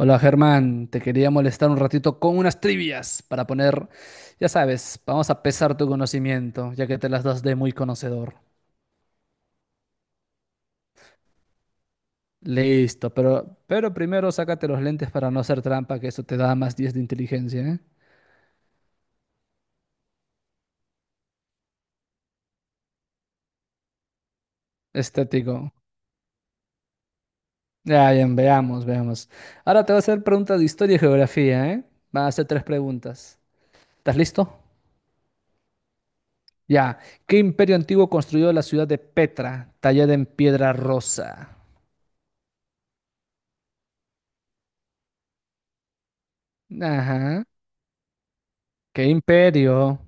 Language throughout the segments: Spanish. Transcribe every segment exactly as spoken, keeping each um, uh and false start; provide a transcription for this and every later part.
Hola Germán, te quería molestar un ratito con unas trivias para poner, ya sabes, vamos a pesar tu conocimiento, ya que te las das de muy conocedor. Listo, pero, pero primero sácate los lentes para no hacer trampa, que eso te da más diez de inteligencia, ¿eh? Estético. Ya, bien, veamos, veamos. Ahora te voy a hacer preguntas de historia y geografía, ¿eh? Van a hacer tres preguntas. ¿Estás listo? Ya. ¿Qué imperio antiguo construyó la ciudad de Petra, tallada en piedra rosa? Ajá. ¿Qué imperio?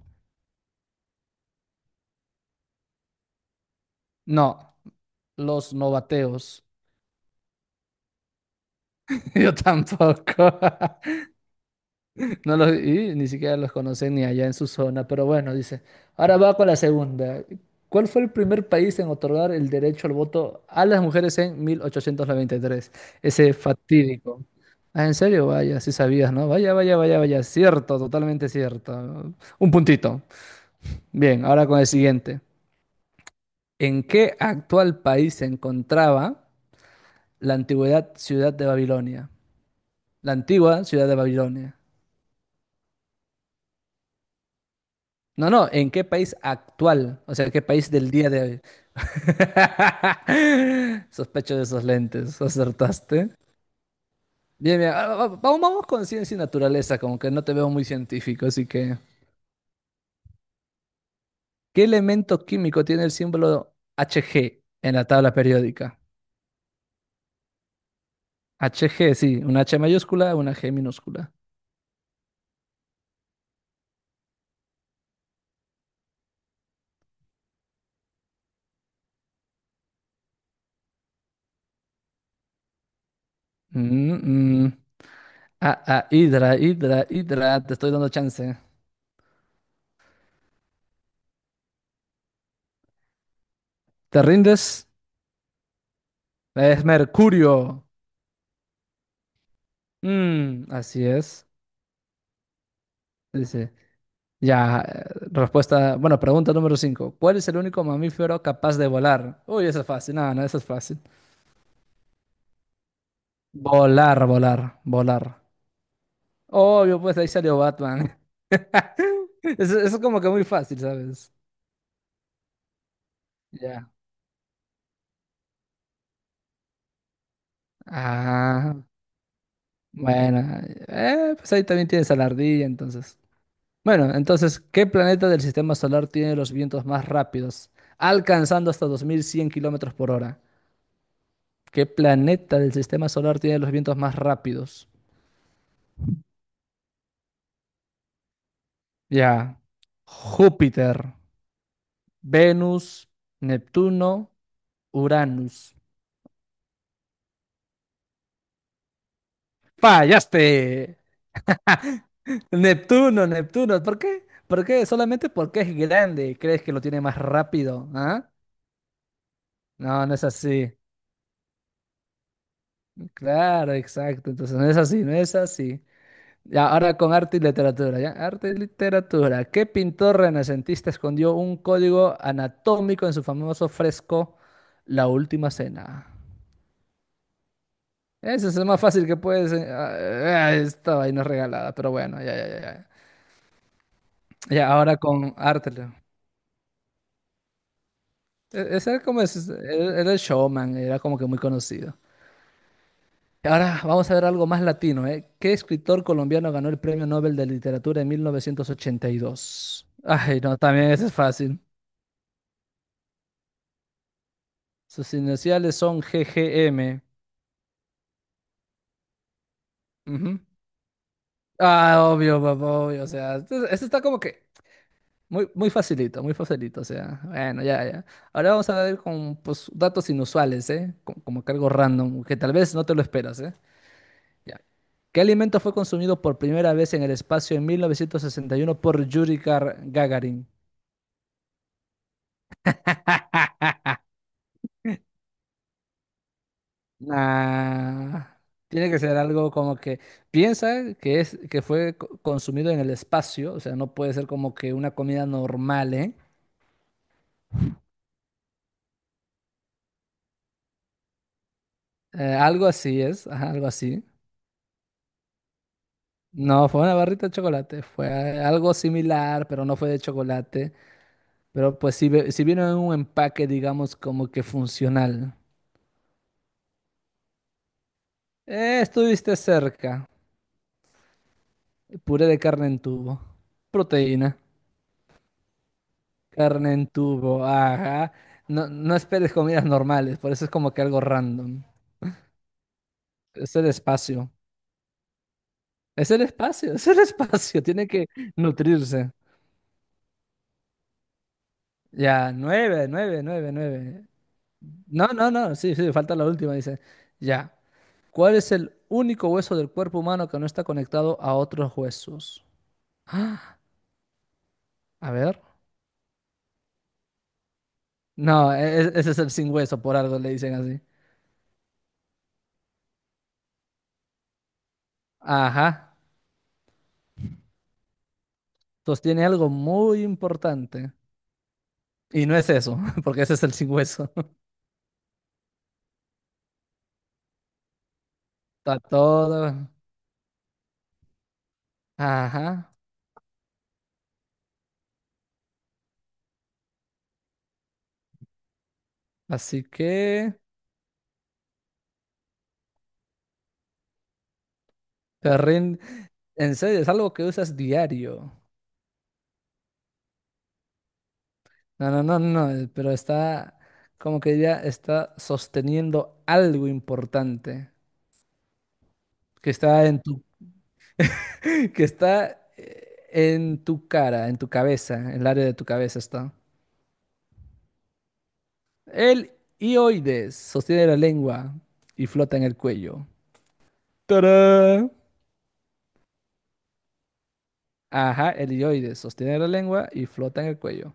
No, los novateos. Yo tampoco. No los, y ni siquiera los conocen ni allá en su zona, pero bueno, dice. Ahora va con la segunda. ¿Cuál fue el primer país en otorgar el derecho al voto a las mujeres en mil ochocientos noventa y tres? Ese fatídico. Ah, ¿en serio? Vaya, sí sabías, ¿no? Vaya, vaya, vaya, vaya. Cierto, totalmente cierto. Un puntito. Bien, ahora con el siguiente. ¿En qué actual país se encontraba la antigüedad ciudad de Babilonia? La antigua ciudad de Babilonia. No, no, ¿en qué país actual? O sea, ¿qué país del día de hoy? Sospecho de esos lentes, acertaste. Bien, bien, ah, va- vamos, vamos con ciencia y naturaleza, como que no te veo muy científico, así que... ¿Qué elemento químico tiene el símbolo Hg en la tabla periódica? Hg, sí, una H mayúscula, una G minúscula. Mm, mm. Ah, ah, hidra, hidra, hidra, te estoy dando chance. ¿Te rindes? Es mercurio. Mm, así es. Dice, ya, eh, respuesta, bueno, pregunta número cinco. ¿Cuál es el único mamífero capaz de volar? Uy, eso es fácil, no, no, eso es fácil. Volar, volar, volar. Obvio, pues ahí salió Batman. Eso, eso es como que muy fácil, ¿sabes? Ya. Ah, bueno, eh, pues ahí también tienes a la ardilla, entonces. Bueno, entonces, ¿qué planeta del sistema solar tiene los vientos más rápidos, alcanzando hasta dos mil cien kilómetros por hora? ¿Qué planeta del sistema solar tiene los vientos más rápidos? Ya. Júpiter, Venus, Neptuno, Uranus. ¡Fallaste! Neptuno, Neptuno. ¿Por qué? ¿Por qué? Solamente porque es grande. ¿Crees que lo tiene más rápido? ¿Ah? No, no es así. Claro, exacto. Entonces no es así, no es así. Ya, ahora con arte y literatura, ¿ya? Arte y literatura. ¿Qué pintor renacentista escondió un código anatómico en su famoso fresco La Última Cena? Ese es el más fácil que puedes... eh, ah, eh, esta vaina es regalada, pero bueno, ya, ya, ya. Ya, Ya, ahora con arte. Leo. E- Ese era como... es- Era era el showman, era como que muy conocido. Y Ahora vamos a ver algo más latino, ¿eh? ¿Qué escritor colombiano ganó el Premio Nobel de Literatura en mil novecientos ochenta y dos? Ay, no, también ese es fácil. Sus iniciales son G G M. Ujú. Ah, obvio, papá, obvio. O sea, esto, esto está como que muy, muy facilito, muy facilito. O sea, bueno, ya, ya. Ahora vamos a ver con pues, datos inusuales, ¿eh? Co- Como, que algo random, que tal vez no te lo esperas, ¿eh? Ya. ¿Qué alimento fue consumido por primera vez en el espacio en mil novecientos sesenta y uno por Yuri Gar- Gagarin? Nah, tiene que ser algo como que piensa que es que fue co- consumido en el espacio, o sea, no puede ser como que una comida normal, ¿eh? Eh, algo así es, ajá, algo así. No, fue una barrita de chocolate, fue a- algo similar, pero no fue de chocolate. Pero pues si, ve- si vino en un empaque, digamos, como que funcional. Eh, estuviste cerca. Puré de carne en tubo. Proteína. Carne en tubo, ajá. No, no esperes comidas normales, por eso es como que algo random. Es el espacio. Es el espacio, es el espacio. Tiene que nutrirse. Ya, nueve, nueve, nueve, nueve. No, no, no, sí, sí, falta la última, dice. Ya. ¿Cuál es el único hueso del cuerpo humano que no está conectado a otros huesos? Ah, a ver. No, e- e- ese es el sin hueso, por algo le dicen así. Ajá. Entonces tiene algo muy importante. Y no es eso, porque ese es el sin hueso. Está todo. Ajá. Así que. Perrin. En serio, es algo que usas diario. No, no, no, no. eh, Pero está. Como que ya está sosteniendo algo importante. Que está en tu. Que está eh, en tu cara, en tu cabeza. En el área de tu cabeza está. El hioides sostiene la lengua y flota en el cuello. ¡Tarán! Ajá, helioides, sostiene la lengua y flota en el cuello.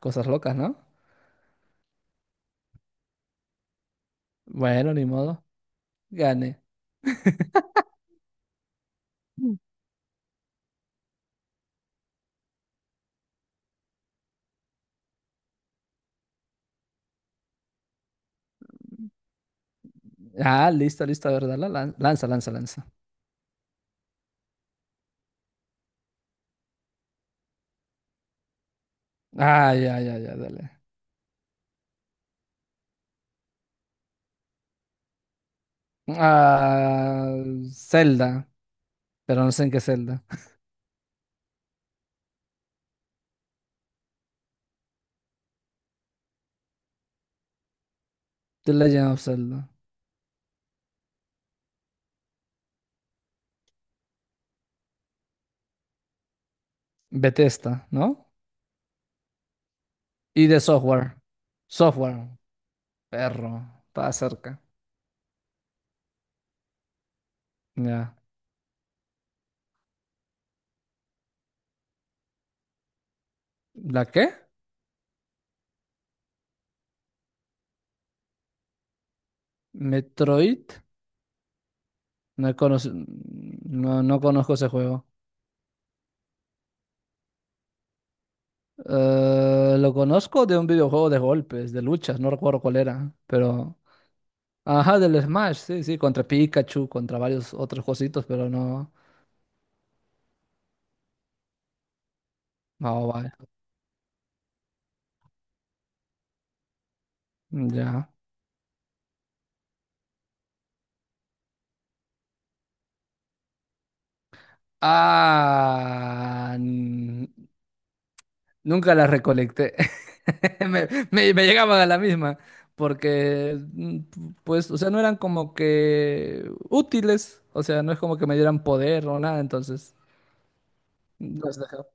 Cosas locas, ¿no? Bueno, ni modo. Gane. Mm. Ah, listo, listo, a ver, dale, lan- lanza, lanza, lanza. Ah, ya, ya, ya, dale. Ah, Zelda, pero no sé en qué Zelda. The Legend of Zelda. Bethesda, ¿no? Y de software. Software, perro, estaba cerca. Ya. ¿La qué? Metroid. No he conoc- No, no conozco ese juego. Eh, lo conozco de un videojuego de golpes, de luchas, no recuerdo cuál era, pero... Ajá, del Smash, sí, sí, contra Pikachu, contra varios otros cositos, pero no... No, vaya. Ya. Ah, n- nunca las recolecté. Me, me, me llegaban a la misma, porque, mm, pues, o sea, no eran como que útiles, o sea, no es como que me dieran poder o nada, entonces... las dejaba.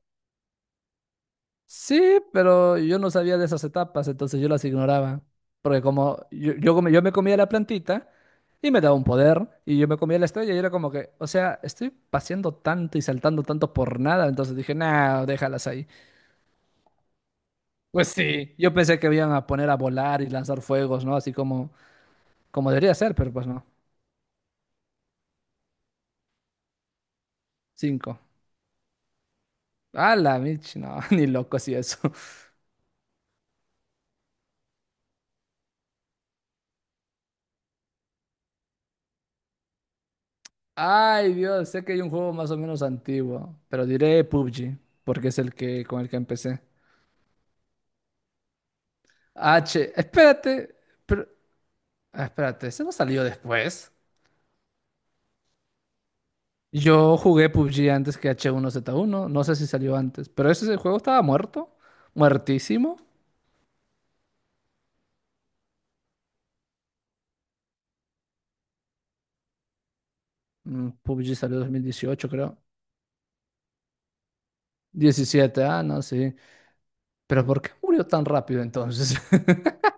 Sí, pero yo no sabía de esas etapas, entonces yo las ignoraba. Porque como yo, yo, come- yo me comía la plantita y me daba un poder, y yo me comía la estrella y era como que, o sea, estoy paseando tanto y saltando tanto por nada, entonces dije, nah, déjalas ahí. Pues sí, yo pensé que iban a poner a volar y lanzar fuegos, ¿no? Así como, como debería ser, pero pues no. Cinco. A la mich, no, ni loco si eso. Ay, Dios, sé que hay un juego más o menos antiguo, pero diré P U B G, porque es el que con el que empecé. H, espérate, pero, ah, espérate, ¿ese no salió después? Yo jugué P U B G antes que h uno z uno, no sé si salió antes, pero ese ese juego estaba muerto, muertísimo. Mm, P U B G salió en dos mil dieciocho, creo. Diecisiete ah, no, sí. Pero ¿por qué murió tan rápido entonces?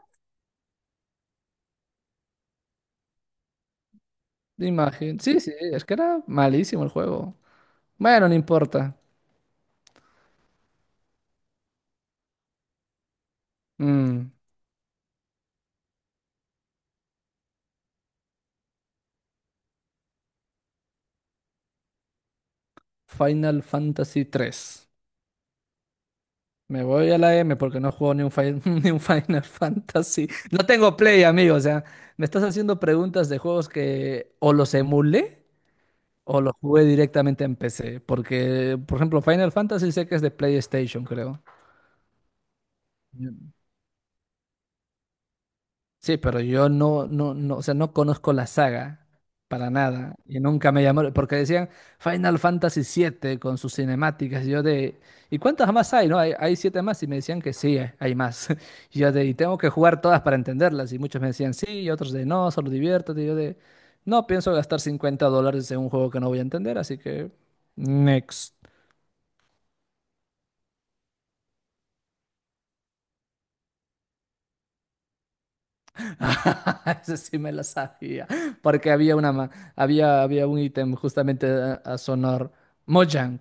Imagen. Sí, sí, es que era malísimo el juego. Bueno, no importa. Mm, Final Fantasy tres. Me voy a la M porque no juego ni un, Fi- ni un Final Fantasy. No tengo Play, amigo. O sea, me estás haciendo preguntas de juegos que o los emulé o los jugué directamente en P C. Porque, por ejemplo, Final Fantasy sé que es de PlayStation, creo. Sí, pero yo no, no, no, o sea, no conozco la saga para nada y nunca me llamó, porque decían Final Fantasy siete con sus cinemáticas, y yo de, ¿y cuántas más hay? ¿No? Hay, hay siete más y me decían que sí, eh, hay más. Y yo de, y tengo que jugar todas para entenderlas y muchos me decían sí y otros de, no, solo diviértete, y yo de, no pienso gastar cincuenta dólares en un juego que no voy a entender, así que next. Ese sí me la sabía, porque había una ma- había, había un ítem justamente a, a sonor Mojang,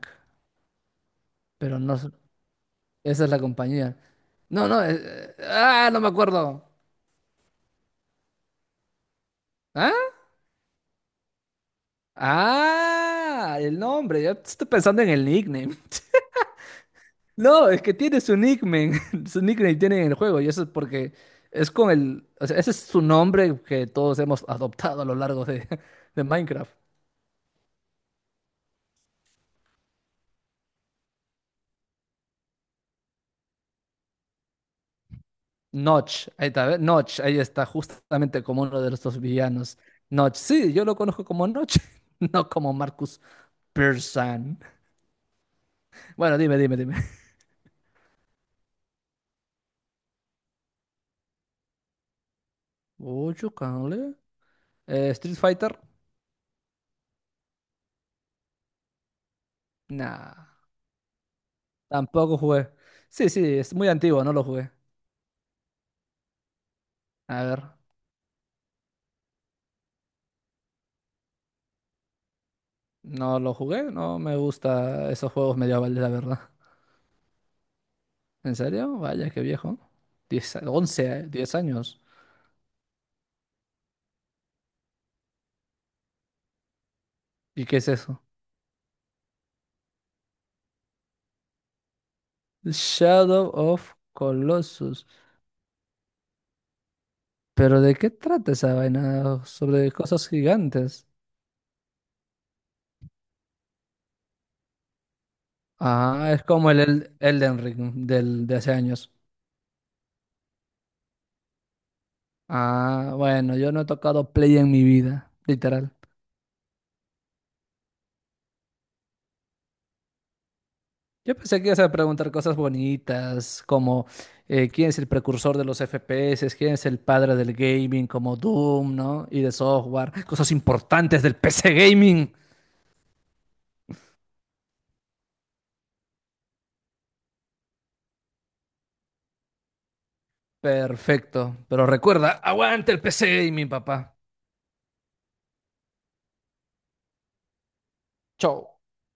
pero no, s- esa es la compañía. No, no, eh, eh, ah, no me acuerdo. ¿Ah? Ah, el nombre, yo estoy pensando en el nickname. No, es que tiene su nickname, su nickname tiene en el juego, y eso es porque es con el, o sea, ese es su nombre que todos hemos adoptado a lo largo de, de Minecraft. Notch, ahí está, ¿ve? Notch, ahí está, justamente como uno de los dos villanos. Notch, sí, yo lo conozco como Notch, no como Marcus Pearson. Bueno, dime, dime, dime. Ocho, cale. Eh, Street Fighter, nah, tampoco jugué. Sí, sí, es muy antiguo, no lo jugué. A ver, no lo jugué, no me gusta esos juegos medievales, la verdad. ¿En serio? Vaya, qué viejo. Diez, once eh, diez años. ¿Y qué es eso? Shadow of Colossus. ¿Pero de qué trata esa vaina? ¿Sobre cosas gigantes? Ah, es como el, el Elden Ring del, de hace años. Ah, bueno, yo no he tocado Play en mi vida, literal. Yo pensé que ibas a preguntar cosas bonitas, como eh, quién es el precursor de los F P S, quién es el padre del gaming, como Doom, ¿no? Y de software, cosas importantes del P C gaming. Perfecto, pero recuerda, aguante el P C gaming, papá. Chau.